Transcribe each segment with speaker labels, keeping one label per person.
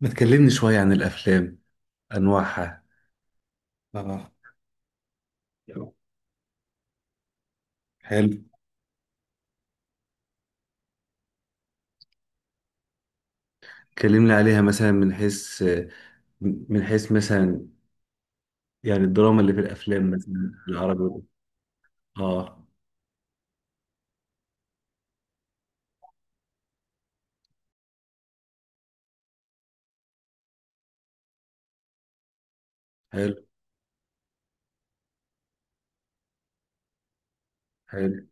Speaker 1: ما تكلمني شوية عن الأفلام، أنواعها. اه. حلو. كلمني عليها مثلا من حيث، من حيث مثلا، يعني الدراما اللي في الأفلام مثلا العربي. آه. حلو. حلو.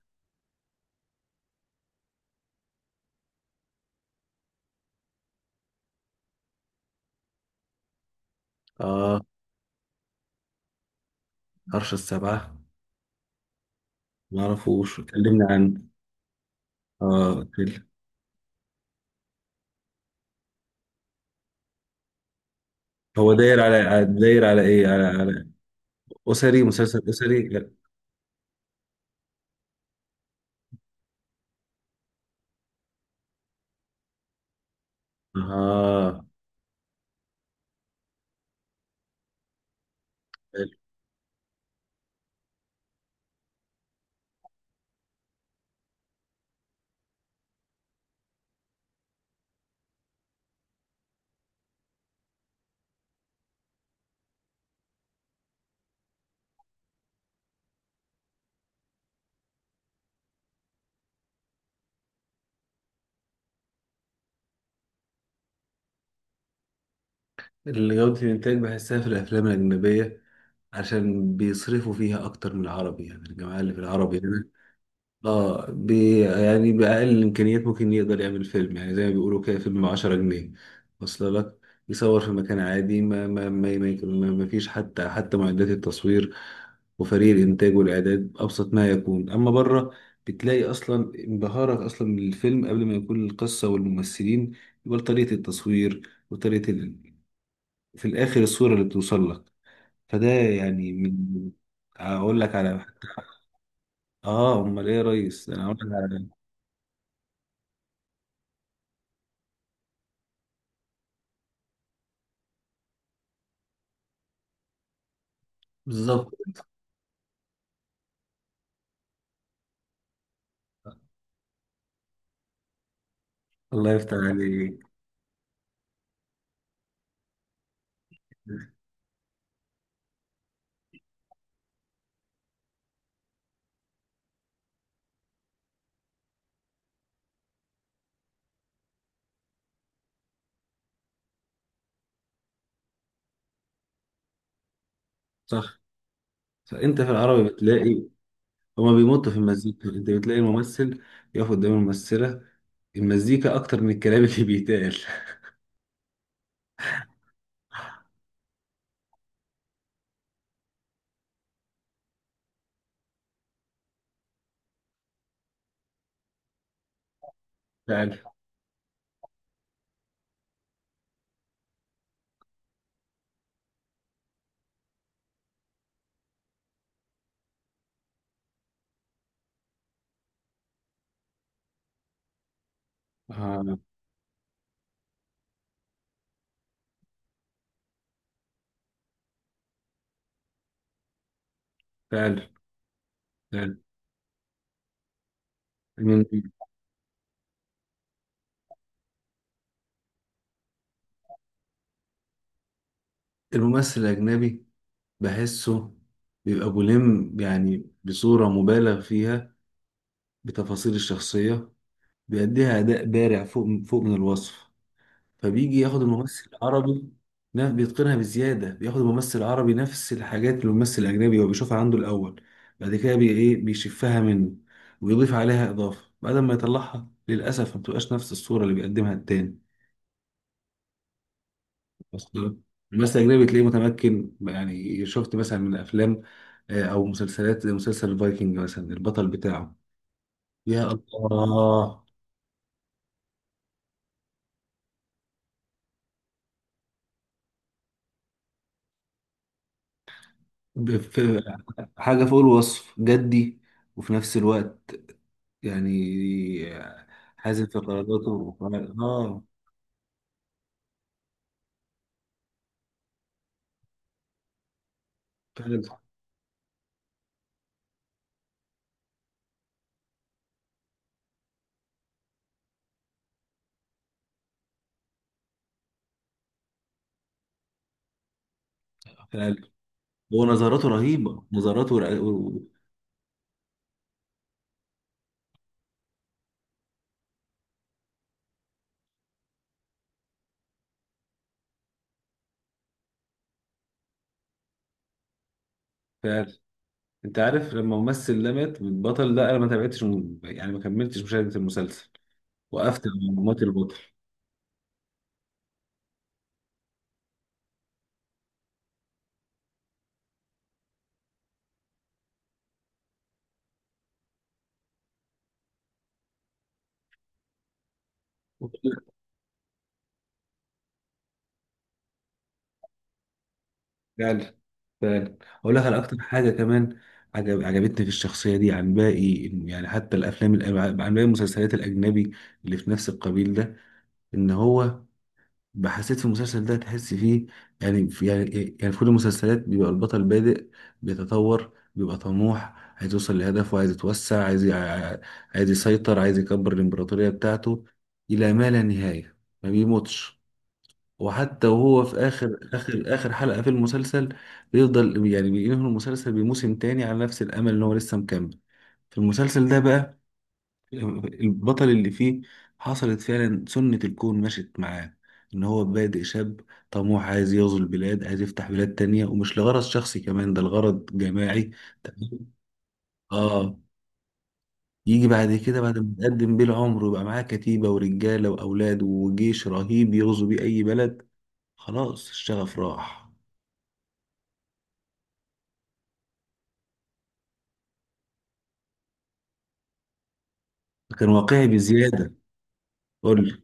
Speaker 1: آه. عرش السبعة. ما أعرفوش، كلمني عن. آه كل- هو داير على، داير على أسري، مسلسل أسري. آه. حلو. الجودة الإنتاج بحسها في الأفلام الأجنبية، عشان بيصرفوا فيها أكتر من العربي، يعني الجماعة اللي في العربي هنا. اه بي يعني بأقل الإمكانيات ممكن يقدر يعمل فيلم، يعني زي ما بيقولوا كده فيلم بعشرة جنيه واصل لك. يصور في مكان عادي، ما فيش حتى معدات التصوير، وفريق الإنتاج والإعداد أبسط ما يكون. أما بره، بتلاقي أصلا انبهارك أصلا من الفيلم قبل ما يكون القصة والممثلين، يبقى طريقة التصوير وطريقة ال... في الآخر الصورة اللي بتوصل لك. فده يعني من، أقول لك على. آه أمال إيه يا ريس، أنا أقول لك على. بالظبط. الله يفتح عليك. صح. صح. انت في العربي بتلاقي هما بيمطوا في المزيكا، انت بتلاقي الممثل يقف قدام الممثلة، المزيكا اكتر من الكلام اللي بيتقال. فعلا. آه. فعلا. فعلا. من، الممثل الاجنبي بحسه بيبقى ملم، يعني بصورة مبالغ فيها بتفاصيل الشخصية، بيأديها أداء بارع فوق من الوصف. فبيجي ياخد الممثل العربي، بيتقنها بزيادة، بياخد الممثل العربي نفس الحاجات اللي الممثل الأجنبي هو بيشوفها عنده الأول، بعد كده بي إيه بيشفها منه ويضيف عليها إضافة، بعد ما يطلعها للأسف ما بتبقاش نفس الصورة اللي بيقدمها التاني. أصلاً الممثل الأجنبي تلاقيه متمكن، يعني شفت مثلا من أفلام، آه، أو مسلسلات زي مسلسل الفايكنج مثلا، البطل بتاعه يا الله. بف- حاجة فوق الوصف جدي، وفي نفس الوقت يعني حازم في قراراته اه. فعلا. فعلا. هو نظراته رهيبه، نظراته فعلا. انت عارف لما ممثل ده مات، البطل ده انا ما تابعتش يعني ما كملتش مشاهده المسلسل، وقفت لما مات البطل. فعلا. فعلا. اقول لك على اكتر حاجه كمان، عجبتني في الشخصيه دي عن باقي، يعني حتى الافلام عن باقي المسلسلات الاجنبي اللي في نفس القبيل ده، ان هو حسيت في المسلسل ده تحس فيه. يعني في، يعني إيه، يعني في كل المسلسلات بيبقى البطل بادئ، بيتطور، بيبقى طموح، عايز يوصل لهدفه، عايز يتوسع، عايز يسيطر، عايز يكبر الإمبراطورية بتاعته إلى ما لا نهاية، ما بيموتش. وحتى وهو في آخر حلقة في المسلسل بيفضل، يعني بينهي المسلسل بموسم تاني على نفس الأمل إن هو لسه مكمل. في المسلسل ده بقى، البطل اللي فيه حصلت فعلا سنة الكون مشت معاه، إن هو بادئ شاب طموح عايز يغزو البلاد، عايز يفتح بلاد تانية، ومش لغرض شخصي كمان، ده لغرض جماعي. تمام. آه. يجي بعد كده بعد ما يتقدم بيه العمر ويبقى معاه كتيبة ورجالة وأولاد وجيش رهيب يغزو بيه أي بلد، خلاص الشغف راح. كان واقعي بزيادة. قول لي.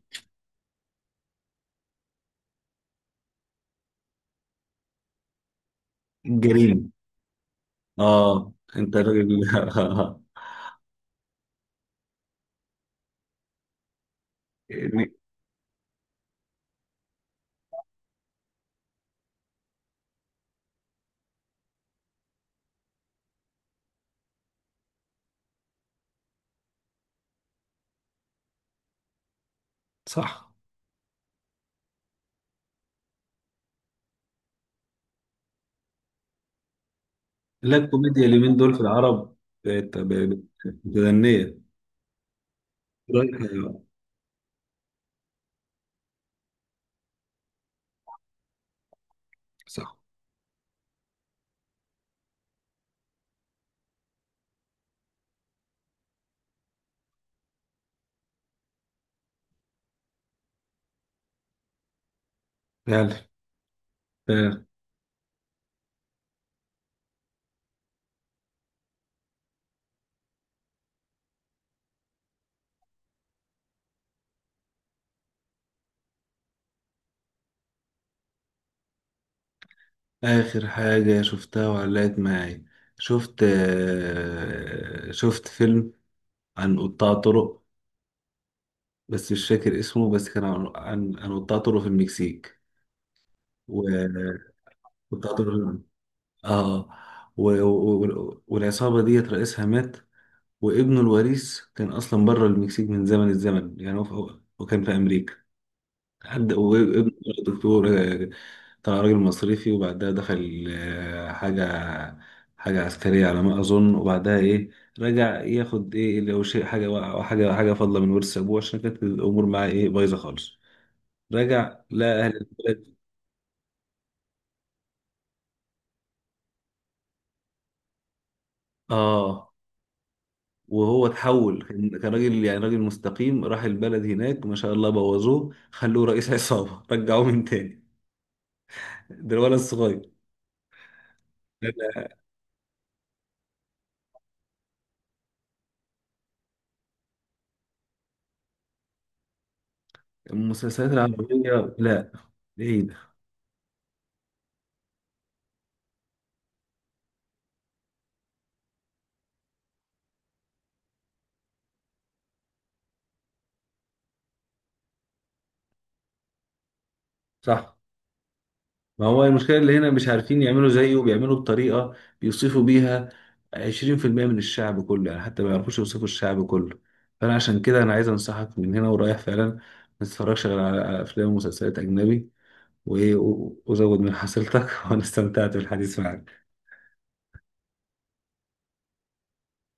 Speaker 1: الجريمة. آه أنت راجل. صح. لا الكوميديا اليومين دول في العرب بقت متدنية، رايحة. صح. فعلا. فعلا. آخر حاجة شفتها وعلقت معايا، شفت آه، شفت فيلم عن قطاع طرق، بس مش فاكر اسمه، بس كان عن قطاع طرق في المكسيك، وقطاع طرق. اه. و... و... و- والعصابة ديت رئيسها مات، وابنه الوريث كان أصلا بره المكسيك من زمن الزمن، يعني هو وكان في أمريكا. حد وابنه دكتور، آه، طلع راجل مصرفي، وبعدها دخل آه، حاجة حاجة عسكرية على ما أظن، وبعدها إيه، رجع ياخد إيه لو شيء حاجة حاجة حاجة فاضلة من ورث أبوه، عشان كانت الأمور معاه إيه بايظة خالص. رجع لقى أهل البلد. آه. وهو اتحول، كان راجل يعني راجل مستقيم، راح البلد هناك ما شاء الله بوظوه خلوه رئيس عصابة رجعوه من تاني، ده الولد الصغير. لا، لا. المسلسلات العربية لا، بعيدة. صح. ما هو المشكلة اللي هنا مش عارفين يعملوا زيه، بيعملوا بطريقة بيوصفوا بيها 20% من الشعب كله، يعني حتى ما يعرفوش يوصفوا الشعب كله. فأنا عشان كده أنا عايز أنصحك من هنا ورايح، فعلا ما تتفرجش غير على على أفلام ومسلسلات أجنبي، وزود من حصيلتك. وأنا استمتعت بالحديث معك.